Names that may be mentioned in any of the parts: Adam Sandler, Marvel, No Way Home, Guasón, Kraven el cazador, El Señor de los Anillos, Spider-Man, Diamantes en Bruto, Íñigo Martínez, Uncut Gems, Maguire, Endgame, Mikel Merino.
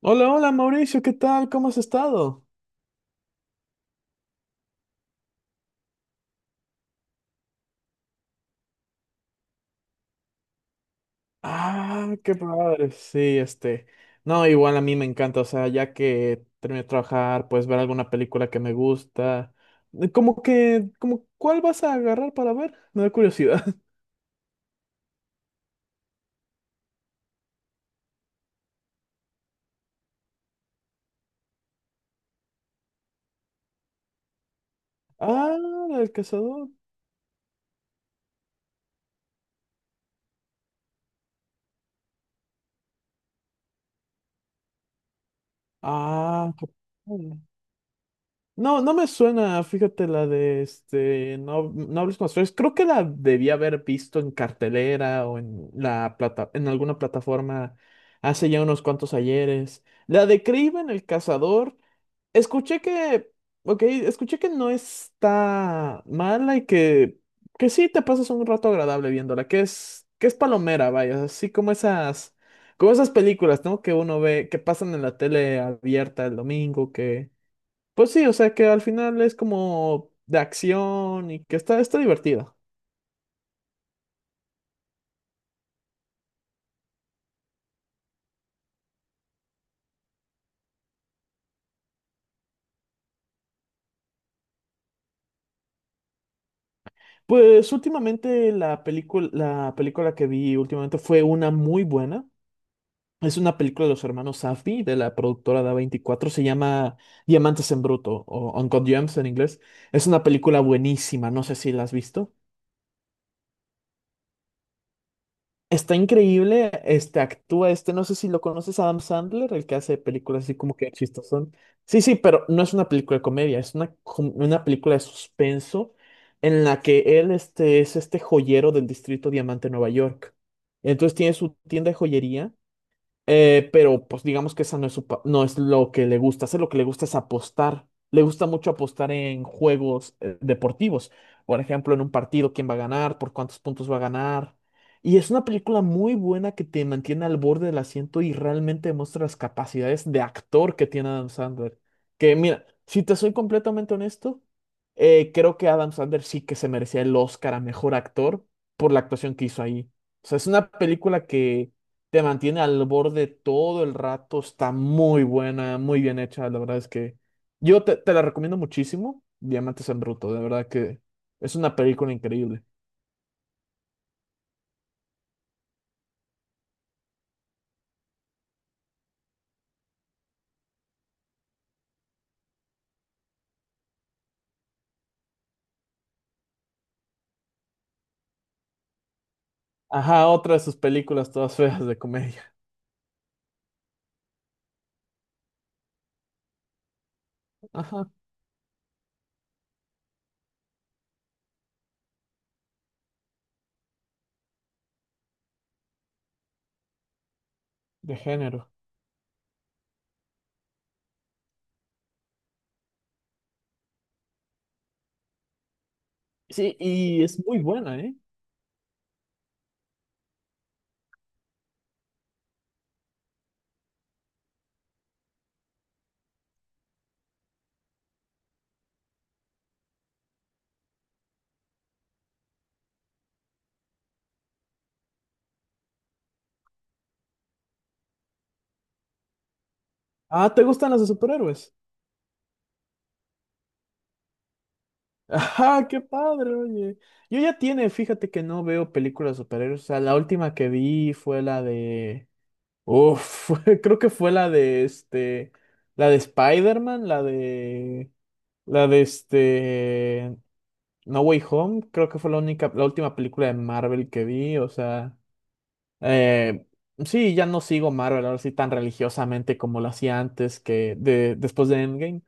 Hola, hola Mauricio, ¿qué tal? ¿Cómo has estado? Ah, qué padre. Sí, este. No, igual a mí me encanta, o sea, ya que terminé de trabajar, pues ver alguna película que me gusta. ¿Cuál vas a agarrar para ver? Me da curiosidad. Ah, el cazador. Ah, qué padre. No, no me suena, fíjate la de este, no, no hables con los feos. Creo que la debía haber visto en cartelera o en alguna plataforma hace ya unos cuantos ayeres. La de Kraven el cazador, escuché que, ok, escuché que no está mala y que sí te pasas un rato agradable viéndola, que es palomera, vaya, así como esas películas, ¿no? Que uno ve, que pasan en la tele abierta el domingo, que pues sí, o sea que al final es como de acción y que está divertida. Pues últimamente la película que vi últimamente fue una muy buena. Es una película de los hermanos Safdie, de la productora de 24 se llama Diamantes en Bruto o Uncut Gems en inglés. Es una película buenísima, no sé si la has visto. Está increíble, este actúa este, no sé si lo conoces, Adam Sandler, el que hace películas así como que chistosón. Sí, sí, pero no es una película de comedia, es una película de suspenso en la que él este, es este joyero del distrito Diamante, Nueva York. Entonces tiene su tienda de joyería pero pues digamos que esa no es lo que le gusta hacer, lo que le gusta es apostar. Le gusta mucho apostar en juegos deportivos. Por ejemplo, en un partido, quién va a ganar, por cuántos puntos va a ganar. Y es una película muy buena que te mantiene al borde del asiento y realmente muestra las capacidades de actor que tiene Adam Sandler. Que mira, si te soy completamente honesto, creo que Adam Sandler sí que se merecía el Oscar a mejor actor por la actuación que hizo ahí. O sea, es una película que te mantiene al borde todo el rato, está muy buena, muy bien hecha, la verdad es que yo te la recomiendo muchísimo, Diamantes en Bruto, de verdad que es una película increíble. Ajá, otra de sus películas todas feas de comedia, ajá, de género. Sí, y es muy buena, ¿eh? Ah, ¿te gustan las de superhéroes? Ajá, qué padre, oye. Yo ya tiene, fíjate que no veo películas de superhéroes, o sea, la última que vi fue la de... Uf, creo que fue la de este, la de Spider-Man, la de este, No Way Home, creo que fue la única, la última película de Marvel que vi, o sea, eh, sí, ya no sigo Marvel ahora sí tan religiosamente como lo hacía antes después de Endgame.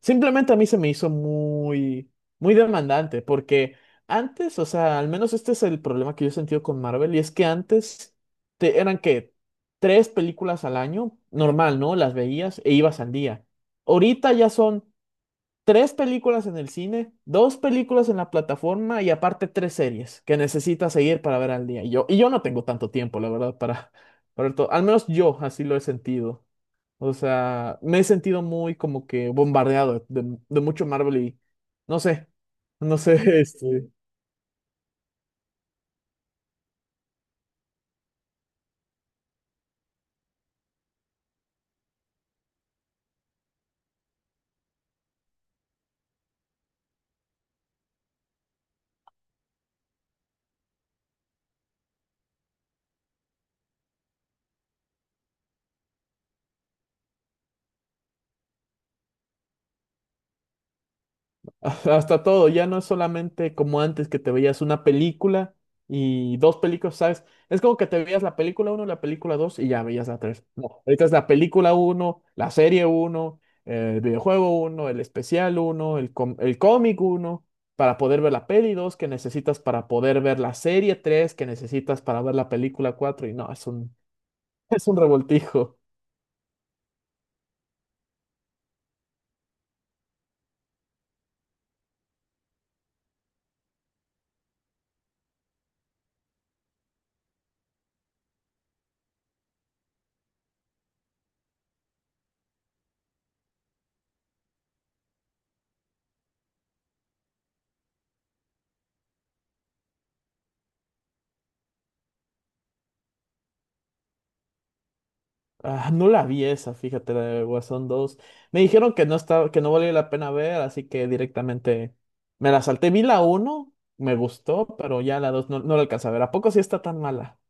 Simplemente a mí se me hizo muy, muy demandante porque antes, o sea, al menos este es el problema que yo he sentido con Marvel y es que antes eran que tres películas al año, normal, ¿no? Las veías e ibas al día. Ahorita ya son tres películas en el cine, dos películas en la plataforma y aparte tres series que necesitas seguir para ver al día. Y yo no tengo tanto tiempo, la verdad, para ver todo. Al menos yo así lo he sentido. O sea, me he sentido muy como que bombardeado de mucho Marvel y no sé, no sé, este, Hasta todo, ya no es solamente como antes que te veías una película y dos películas, ¿sabes? Es como que te veías la película uno la película 2 y ya veías la tres. No, ahorita es la película uno la serie uno el videojuego uno el especial uno el cómic uno para poder ver la peli 2 que necesitas para poder ver la serie 3 que necesitas para ver la película 4 y no, es un, es un revoltijo. Ah, no la vi esa, fíjate, la de Guasón dos. Me dijeron que no estaba, que no valía la pena ver, así que directamente me la salté. Vi la uno, me gustó, pero ya la 2 no, no la alcancé a ver. ¿A poco sí está tan mala?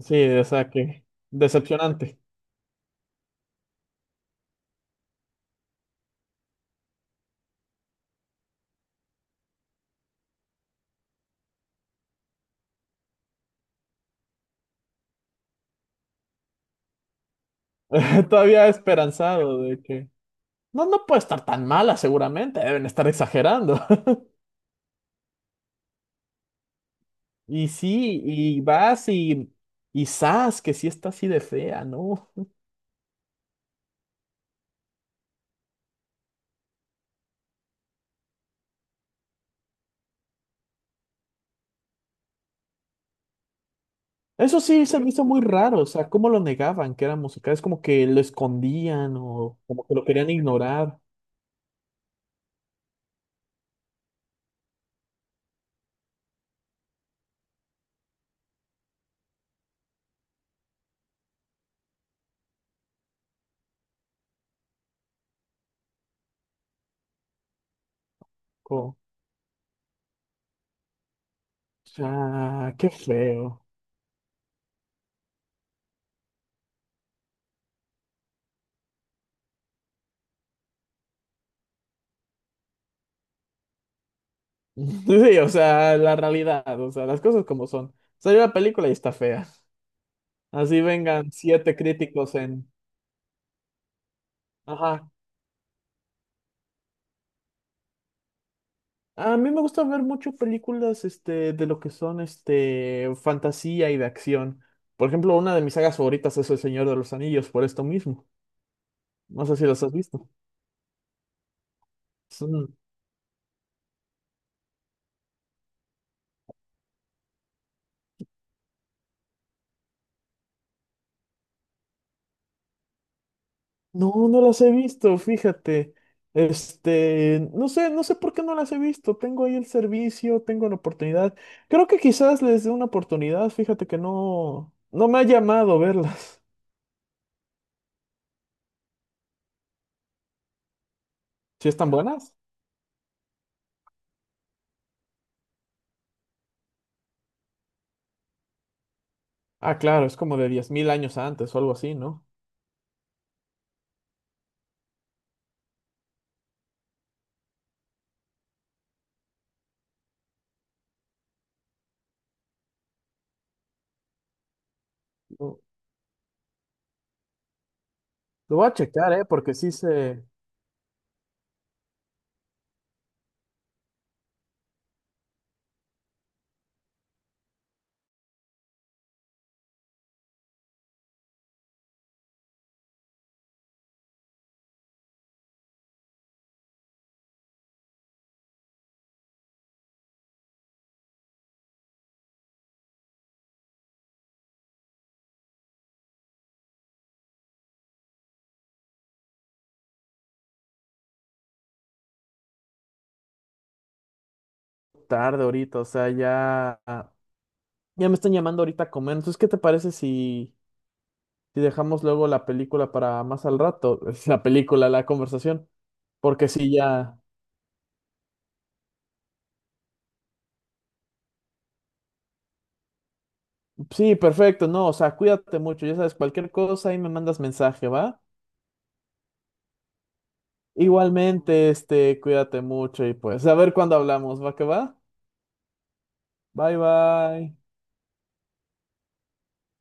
Sí, o sea que decepcionante. Todavía esperanzado de que no, no puede estar tan mala, seguramente. Deben estar exagerando. Y sí, y vas y zas, que sí está así de fea, ¿no? Eso sí se me hizo muy raro, o sea, cómo lo negaban que era musical, es como que lo escondían o como que lo querían ignorar. co- O sea, qué feo. Sí, o sea, la realidad, o sea, las cosas como son. Salió la película y está fea. Así vengan siete críticos en... Ajá. A mí me gusta ver mucho películas, este, de lo que son, este, fantasía y de acción. Por ejemplo, una de mis sagas favoritas es El Señor de los Anillos, por esto mismo. No sé si las has visto. No, no las he visto, fíjate. Este, no sé, no sé por qué no las he visto. Tengo ahí el servicio, tengo la oportunidad. Creo que quizás les dé una oportunidad, fíjate que no, no me ha llamado verlas. Si están buenas. Ah, claro, es como de 10,000 años antes o algo así, ¿no? Lo lo voy a checar, ¿eh? Porque sí se tarde ahorita, o sea, ya me están llamando ahorita a comer. Entonces, ¿qué te parece si dejamos luego la película para más al rato? La película, la conversación. Porque sí, ya. Sí, perfecto, no, o sea, cuídate mucho, ya sabes, cualquier cosa ahí me mandas mensaje, ¿va? Igualmente, este, cuídate mucho y pues, a ver cuándo hablamos, ¿va que va? Bye, bye.